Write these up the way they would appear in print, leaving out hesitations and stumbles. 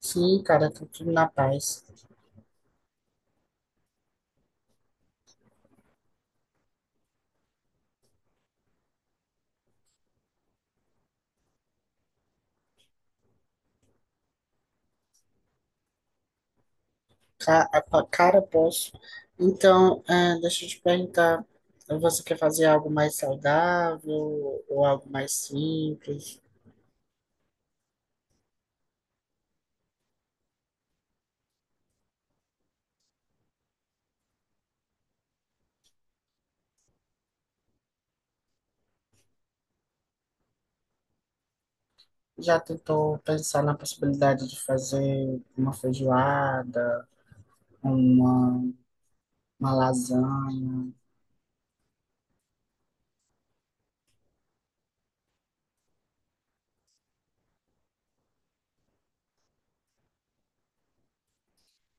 Sim, cara, tá tudo na paz. Cara, posso. Então, deixa eu te perguntar, você quer fazer algo mais saudável ou algo mais simples? Já tentou pensar na possibilidade de fazer uma feijoada, uma, uma lasanha?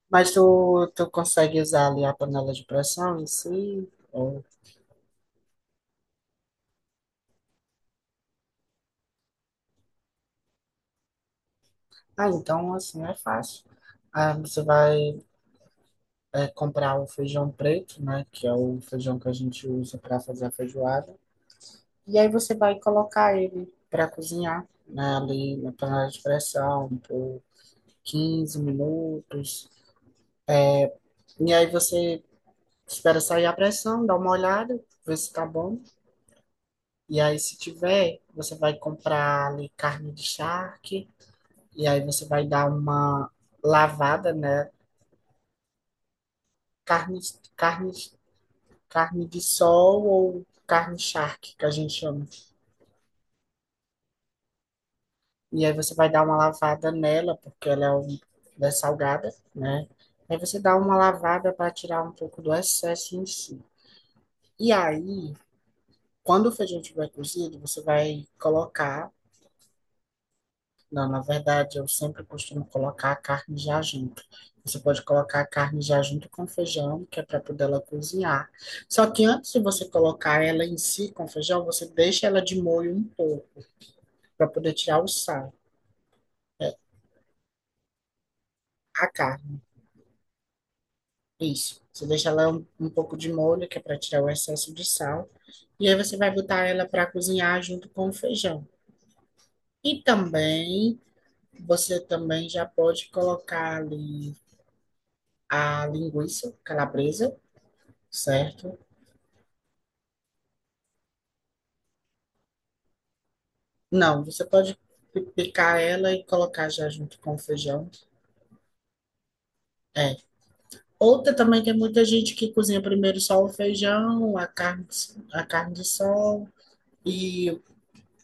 Mas tu consegue usar ali a panela de pressão em si? Ou... Ah, então, assim, é fácil. Ah, você vai comprar o feijão preto, né? Que é o feijão que a gente usa para fazer a feijoada. E aí você vai colocar ele para cozinhar, né? Ali na panela de pressão por 15 minutos. E aí você espera sair a pressão, dá uma olhada, ver se tá bom. E aí se tiver, você vai comprar ali carne de charque. E aí você vai dar uma lavada, né? Carne, carne, carne de sol ou carne charque, que a gente chama. E aí você vai dar uma lavada nela, porque ela é salgada, né? Aí você dá uma lavada para tirar um pouco do excesso em si. E aí, quando o feijão estiver cozido, você vai colocar. Não, na verdade, eu sempre costumo colocar a carne já junto. Você pode colocar a carne já junto com o feijão, que é para poder ela cozinhar. Só que antes de você colocar ela em si com o feijão, você deixa ela de molho um pouco, para poder tirar o sal. A carne. Isso. Você deixa ela um pouco de molho, que é para tirar o excesso de sal. E aí você vai botar ela para cozinhar junto com o feijão. E também, você também já pode colocar ali a linguiça calabresa, certo? Não, você pode picar ela e colocar já junto com o feijão. É. Outra também tem muita gente que cozinha primeiro só o feijão, a carne de sol e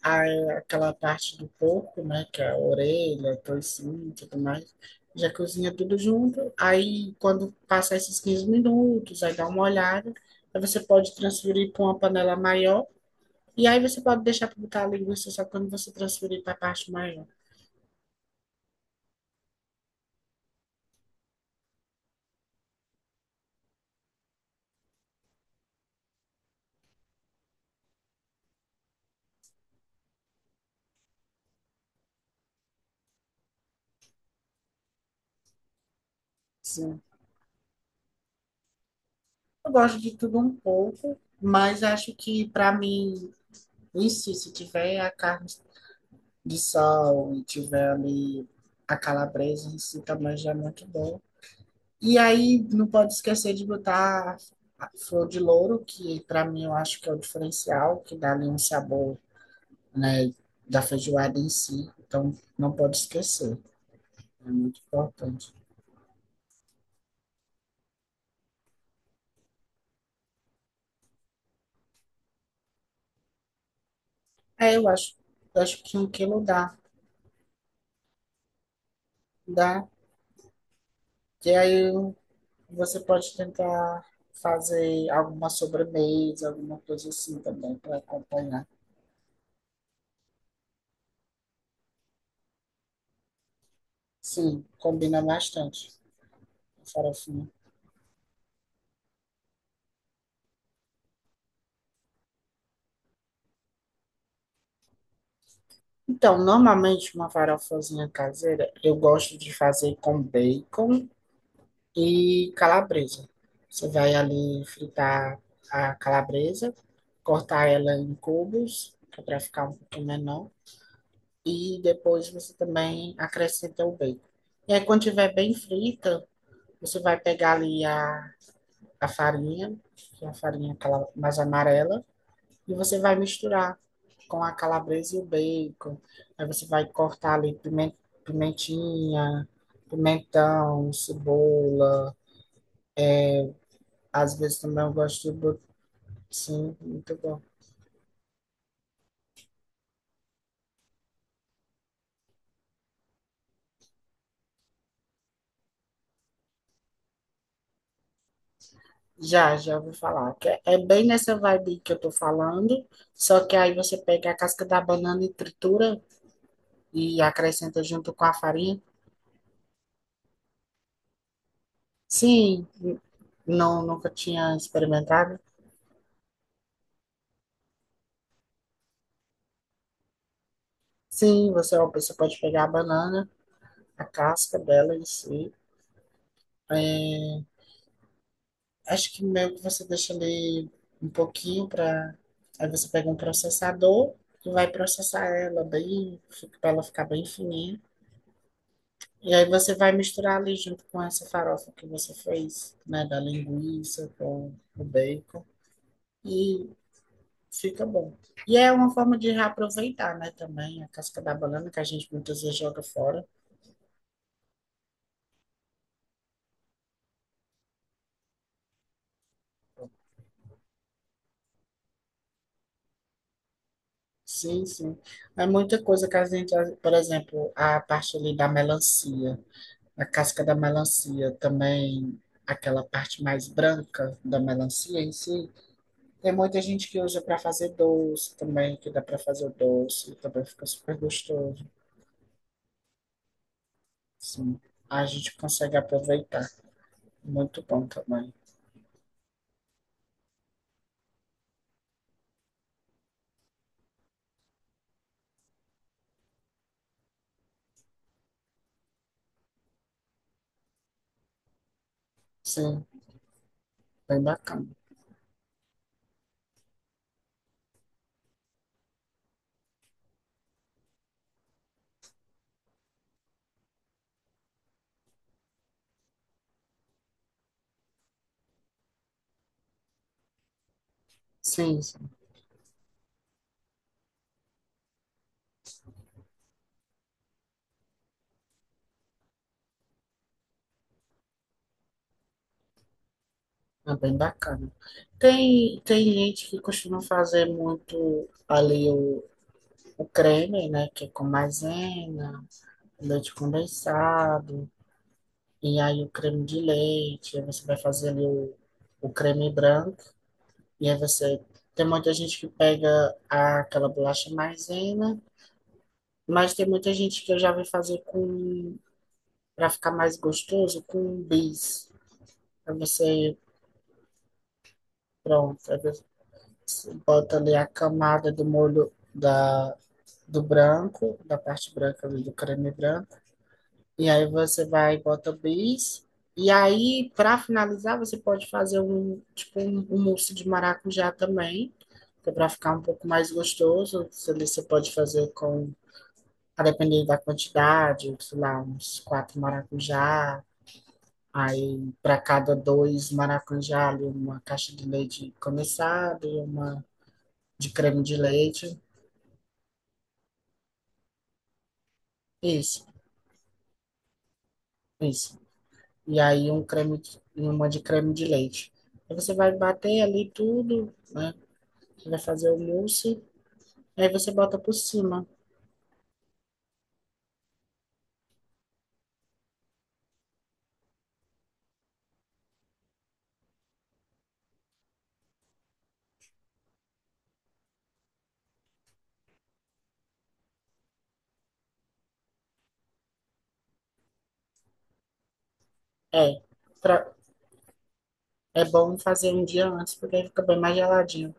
aí, aquela parte do corpo, né, que é a orelha, toicinho e tudo mais, já cozinha tudo junto. Aí, quando passar esses 15 minutos, aí dá uma olhada. Aí você pode transferir para uma panela maior. E aí você pode deixar para botar a linguiça só quando você transferir para a parte maior. Sim. Eu gosto de tudo um pouco, mas acho que para mim, em si, se tiver a carne de sol e tiver ali a calabresa em si, também já é muito bom. E aí não pode esquecer de botar a flor de louro, que para mim eu acho que é o diferencial, que dá ali um sabor, né, da feijoada em si. Então não pode esquecer, é muito importante. É, eu acho que 1 quilo dá. E aí você pode tentar fazer alguma sobremesa, alguma coisa assim também para acompanhar. Sim, combina bastante a farofinha. Então, normalmente uma farofazinha caseira eu gosto de fazer com bacon e calabresa. Você vai ali fritar a calabresa, cortar ela em cubos, que é para ficar um pouquinho menor, e depois você também acrescenta o bacon. E aí, quando tiver bem frita, você vai pegar ali a farinha, que é a farinha aquela mais amarela, e você vai misturar com a calabresa e o bacon. Aí você vai cortar ali pimentinha, pimentão, cebola. É, às vezes também eu gosto de... Sim, muito bom. Já, já vou falar. Que é bem nessa vibe que eu tô falando, só que aí você pega a casca da banana e tritura e acrescenta junto com a farinha. Sim, não, nunca tinha experimentado. Sim, você pode pegar a banana, a casca dela em si. Acho que meio que você deixa ali um pouquinho para. Aí você pega um processador e vai processar ela bem, para ela ficar bem fininha. E aí você vai misturar ali junto com essa farofa que você fez, né, da linguiça com o bacon e fica bom. E é uma forma de reaproveitar, né, também a casca da banana que a gente muitas vezes joga fora. Sim, sim. É muita coisa que a gente, por exemplo, a parte ali da melancia. A casca da melancia também, aquela parte mais branca da melancia em si, tem muita gente que usa para fazer doce também, que dá para fazer o doce, também fica super gostoso. Sim, a gente consegue aproveitar. Muito bom também. Sim, bem bacana. Sim, sim, é bem bacana. Tem gente que costuma fazer muito ali o creme, né, que é com maisena, leite condensado. E aí o creme de leite, aí você vai fazer ali o creme branco, e aí você. Tem muita gente que pega aquela bolacha maisena, mas tem muita gente que eu já vi fazer com, para ficar mais gostoso, com bis. Aí você, pronto, aí você bota ali a camada do molho da, do branco, da parte branca ali do creme branco. E aí você vai e bota o bis. E aí, para finalizar, você pode fazer um, tipo, um, mousse de maracujá também, que é para ficar um pouco mais gostoso. Você pode fazer com, a depender da quantidade, sei lá, uns quatro maracujá. Aí, para cada dois maracujá, ali, uma caixa de leite condensado e uma de creme de leite. Isso, isso. E aí, e uma de creme de leite. Aí você vai bater ali tudo, né? Vai fazer o mousse, aí você bota por cima. É, pra- é bom fazer um dia antes, porque aí fica bem mais geladinho,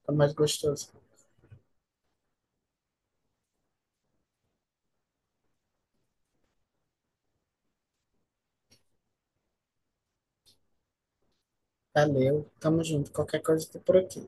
fica mais gostoso. Valeu, tamo junto. Qualquer coisa, tô por aqui.